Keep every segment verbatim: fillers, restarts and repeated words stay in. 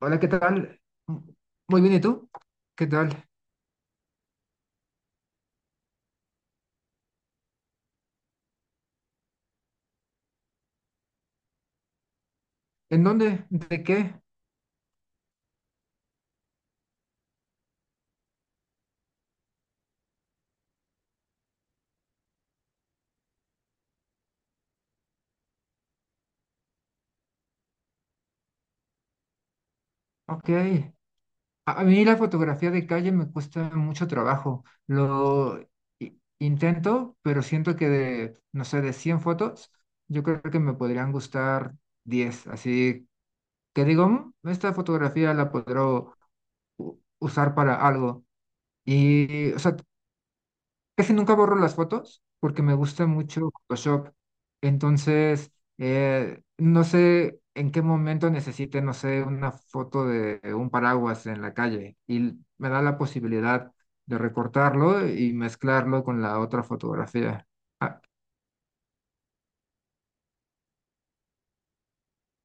Hola, ¿qué tal? Muy bien, ¿y tú? ¿Qué tal? ¿En dónde? ¿De qué? Ok. A, a mí la fotografía de calle me cuesta mucho trabajo. Lo i- intento, pero siento que de, no sé, de cien fotos, yo creo que me podrían gustar diez. Así que digo, "Mm, esta fotografía la podré u- usar para algo". Y, o sea, casi nunca borro las fotos porque me gusta mucho Photoshop. Entonces, eh, no sé en qué momento necesite, no sé, una foto de un paraguas en la calle y me da la posibilidad de recortarlo y mezclarlo con la otra fotografía. Ah,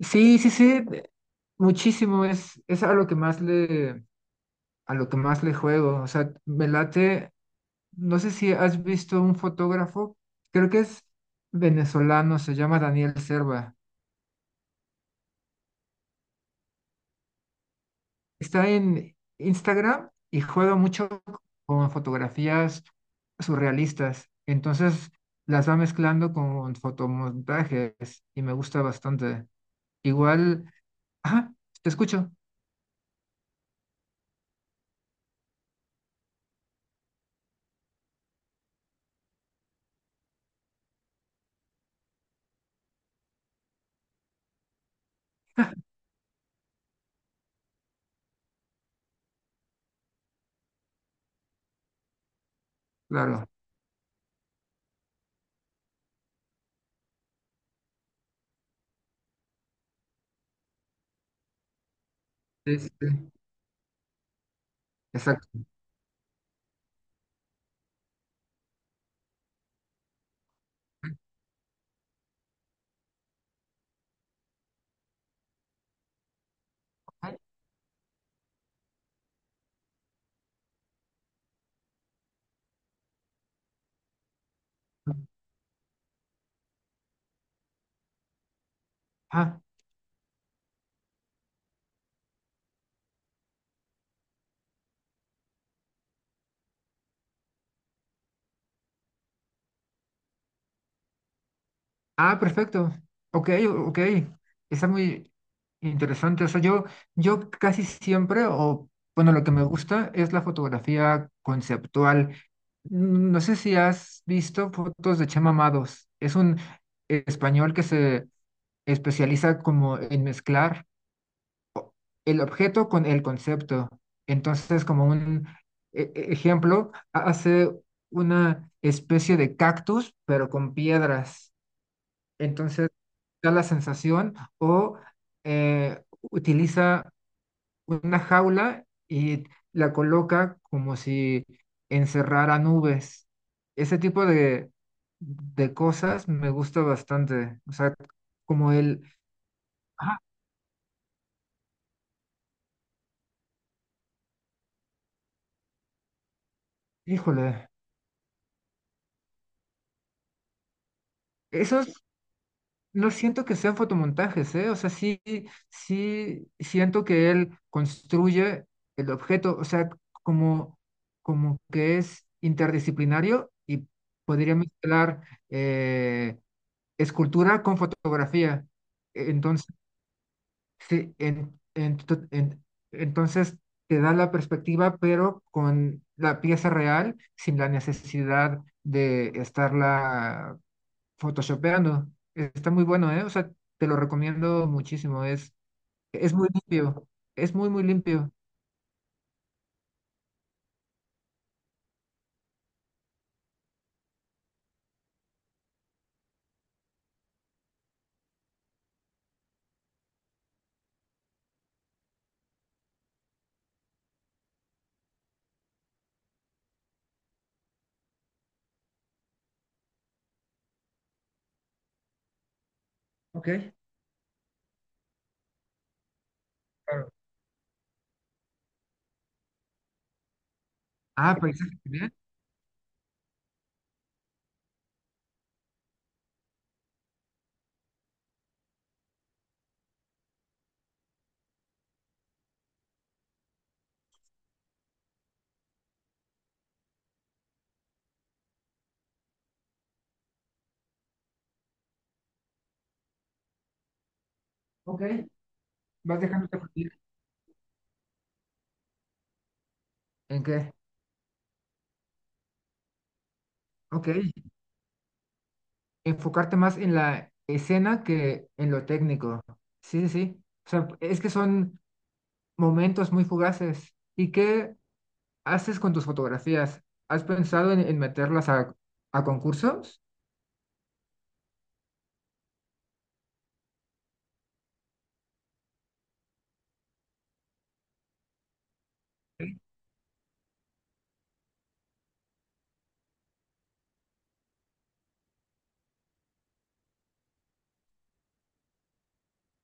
sí, sí, sí, de- muchísimo. Es, es a lo que más le, a lo que más le juego. O sea, me late. No sé si has visto un fotógrafo, creo que es venezolano, se llama Daniel Serva. Está en Instagram y juega mucho con fotografías surrealistas. Entonces las va mezclando con fotomontajes y me gusta bastante. Igual, ajá, te escucho, claro. Este, exacto. Ajá. Ah, perfecto. Ok, ok. Está muy interesante. O sea, yo, yo casi siempre, o bueno, lo que me gusta es la fotografía conceptual. Mm, No sé si has visto fotos de Chema Amados. Es un español que se especializa como en mezclar el objeto con el concepto. Entonces, como un e- e- ejemplo, hace una especie de cactus, pero con piedras. Entonces, da la sensación o eh, utiliza una jaula y la coloca como si encerrara nubes. Ese tipo de, de cosas me gusta bastante. O sea, como el... Ah, híjole, esos. No siento que sean fotomontajes, ¿eh? O sea, sí, sí siento que él construye el objeto, o sea, como, como que es interdisciplinario y podría mezclar eh, escultura con fotografía. Entonces, sí, en- ento- en- entonces te da la perspectiva, pero con la pieza real, sin la necesidad de estarla Photoshopeando. Está muy bueno, ¿eh? O sea, te lo recomiendo muchísimo. Es, es muy limpio. Es muy, muy limpio. Ok. Claro. Ah, paisaje general. Ok. Vas dejando esta partida. ¿En qué? Ok. Enfocarte más en la escena que en lo técnico. Sí, sí, sí. O sea, es que son momentos muy fugaces. ¿Y qué haces con tus fotografías? ¿Has pensado en, en meterlas a, a concursos?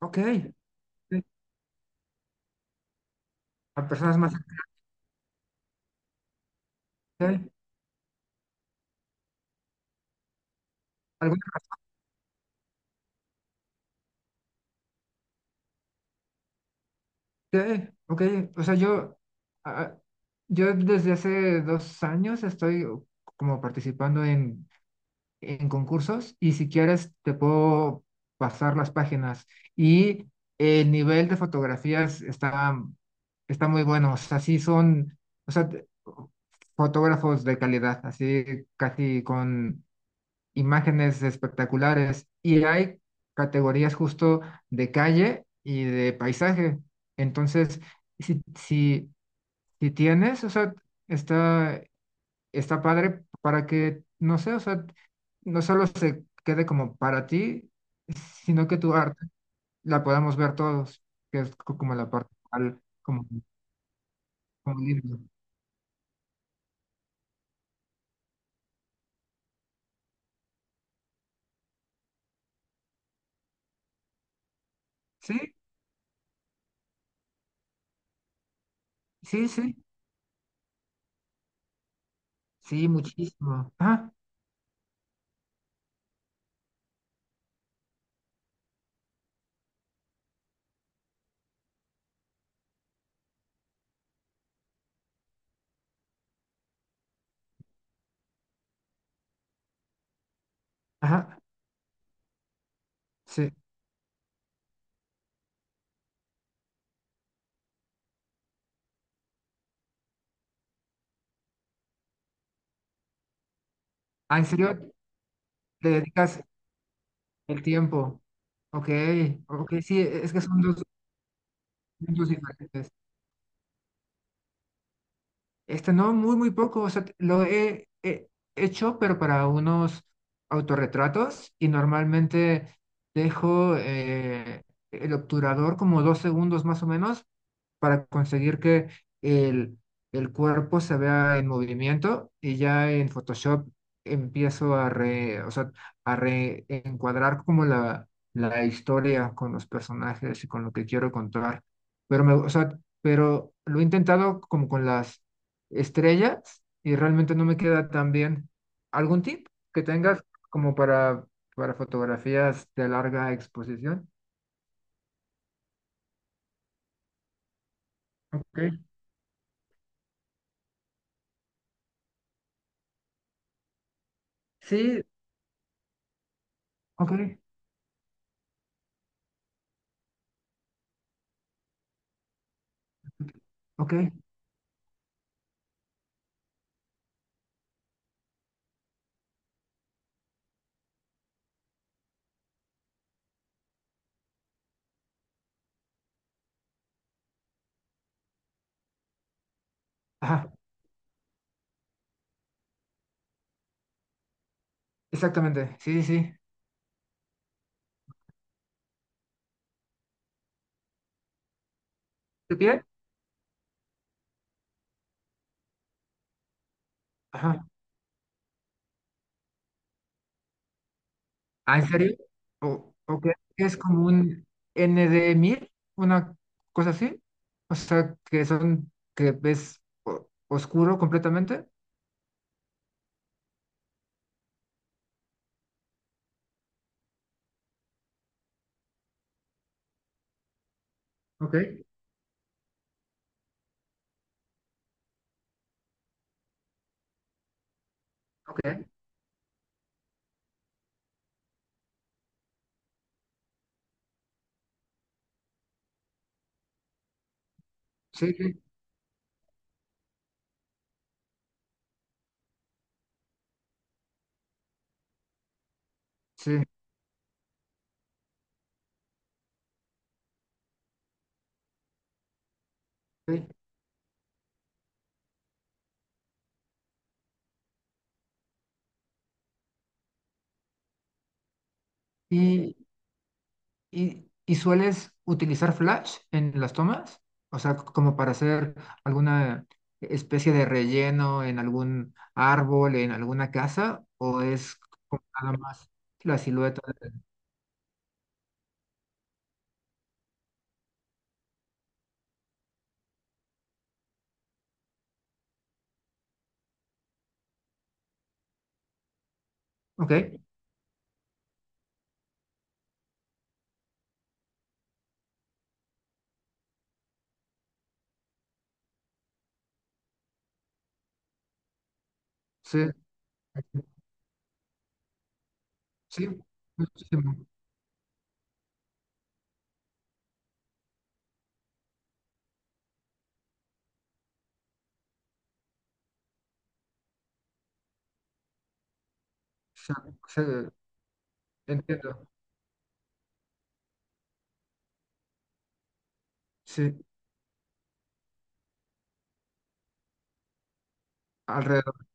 Ok. Sí. A personas más. Ok. Okay, ok, o sea, yo, ah, yo desde hace dos años estoy como participando en, en, concursos y si quieres te puedo pasar las páginas y el nivel de fotografías está, está muy bueno, o sea, sí son, o sea, te- fotógrafos de calidad, así casi con imágenes espectaculares y hay categorías justo de calle y de paisaje. Entonces, si, si, si tienes, o sea, está, está padre para que, no sé, o sea, no solo se quede como para ti, sino que tu arte la podamos ver todos, que es co- como la parte al- como, como libre. Sí, sí, sí, sí, muchísimo. Ajá, ajá, sí. Ah, ¿en serio te dedicas el tiempo? Ok, ok, sí, e, es que son dos mundos diferentes. Este no, muy, muy poco. O sea, lo he, he, hecho, pero para unos autorretratos y normalmente dejo eh, el obturador como dos segundos más o menos para conseguir que el, el cuerpo se vea en movimiento y ya en Photoshop empiezo a re, o sea, a reencuadrar como la, la historia con los personajes y con lo que quiero contar. Pero me, o sea, pero lo he intentado como con las estrellas y realmente no me queda tan bien. ¿Algún tip que tengas como para, para fotografías de larga exposición? Ok. Sí, ok. Ok. Ajá, exactamente. Sí, sí, sí. ¿Tú qué? Ajá. ¿Ah, en serio? ¿O, o qué es como un N de mil? ¿Una cosa así? O sea, que son, que ves o- oscuro completamente. Ok, ok. Sí, sí, sí. Ok. ¿Y, y sueles utilizar Flash en las tomas? O sea, c- como para hacer alguna especie de relleno en algún árbol, en alguna casa, o es como nada más la silueta de... Ok, sí, sí, muchísimo. Se- se- entiendo, sí, alrededor.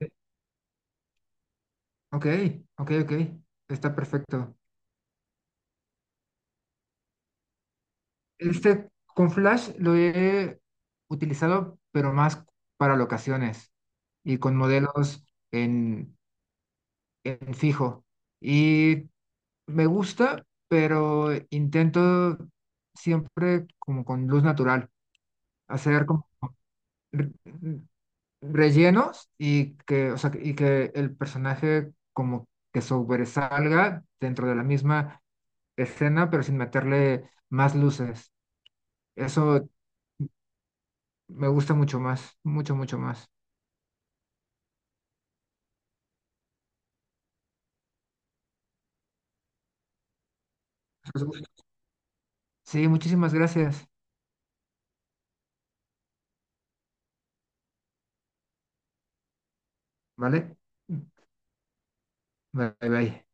Sí. Ok, ok, ok, está perfecto. Este con Flash lo he utilizado, pero más para locaciones. Y con modelos en, en, fijo. Y me gusta, pero intento siempre como con luz natural, hacer como re- rellenos y que, o sea, y que el personaje como que sobresalga dentro de la misma escena, pero sin meterle más luces. Eso me gusta mucho más, mucho, mucho más. Sí, muchísimas gracias, ¿vale? Bye, bye.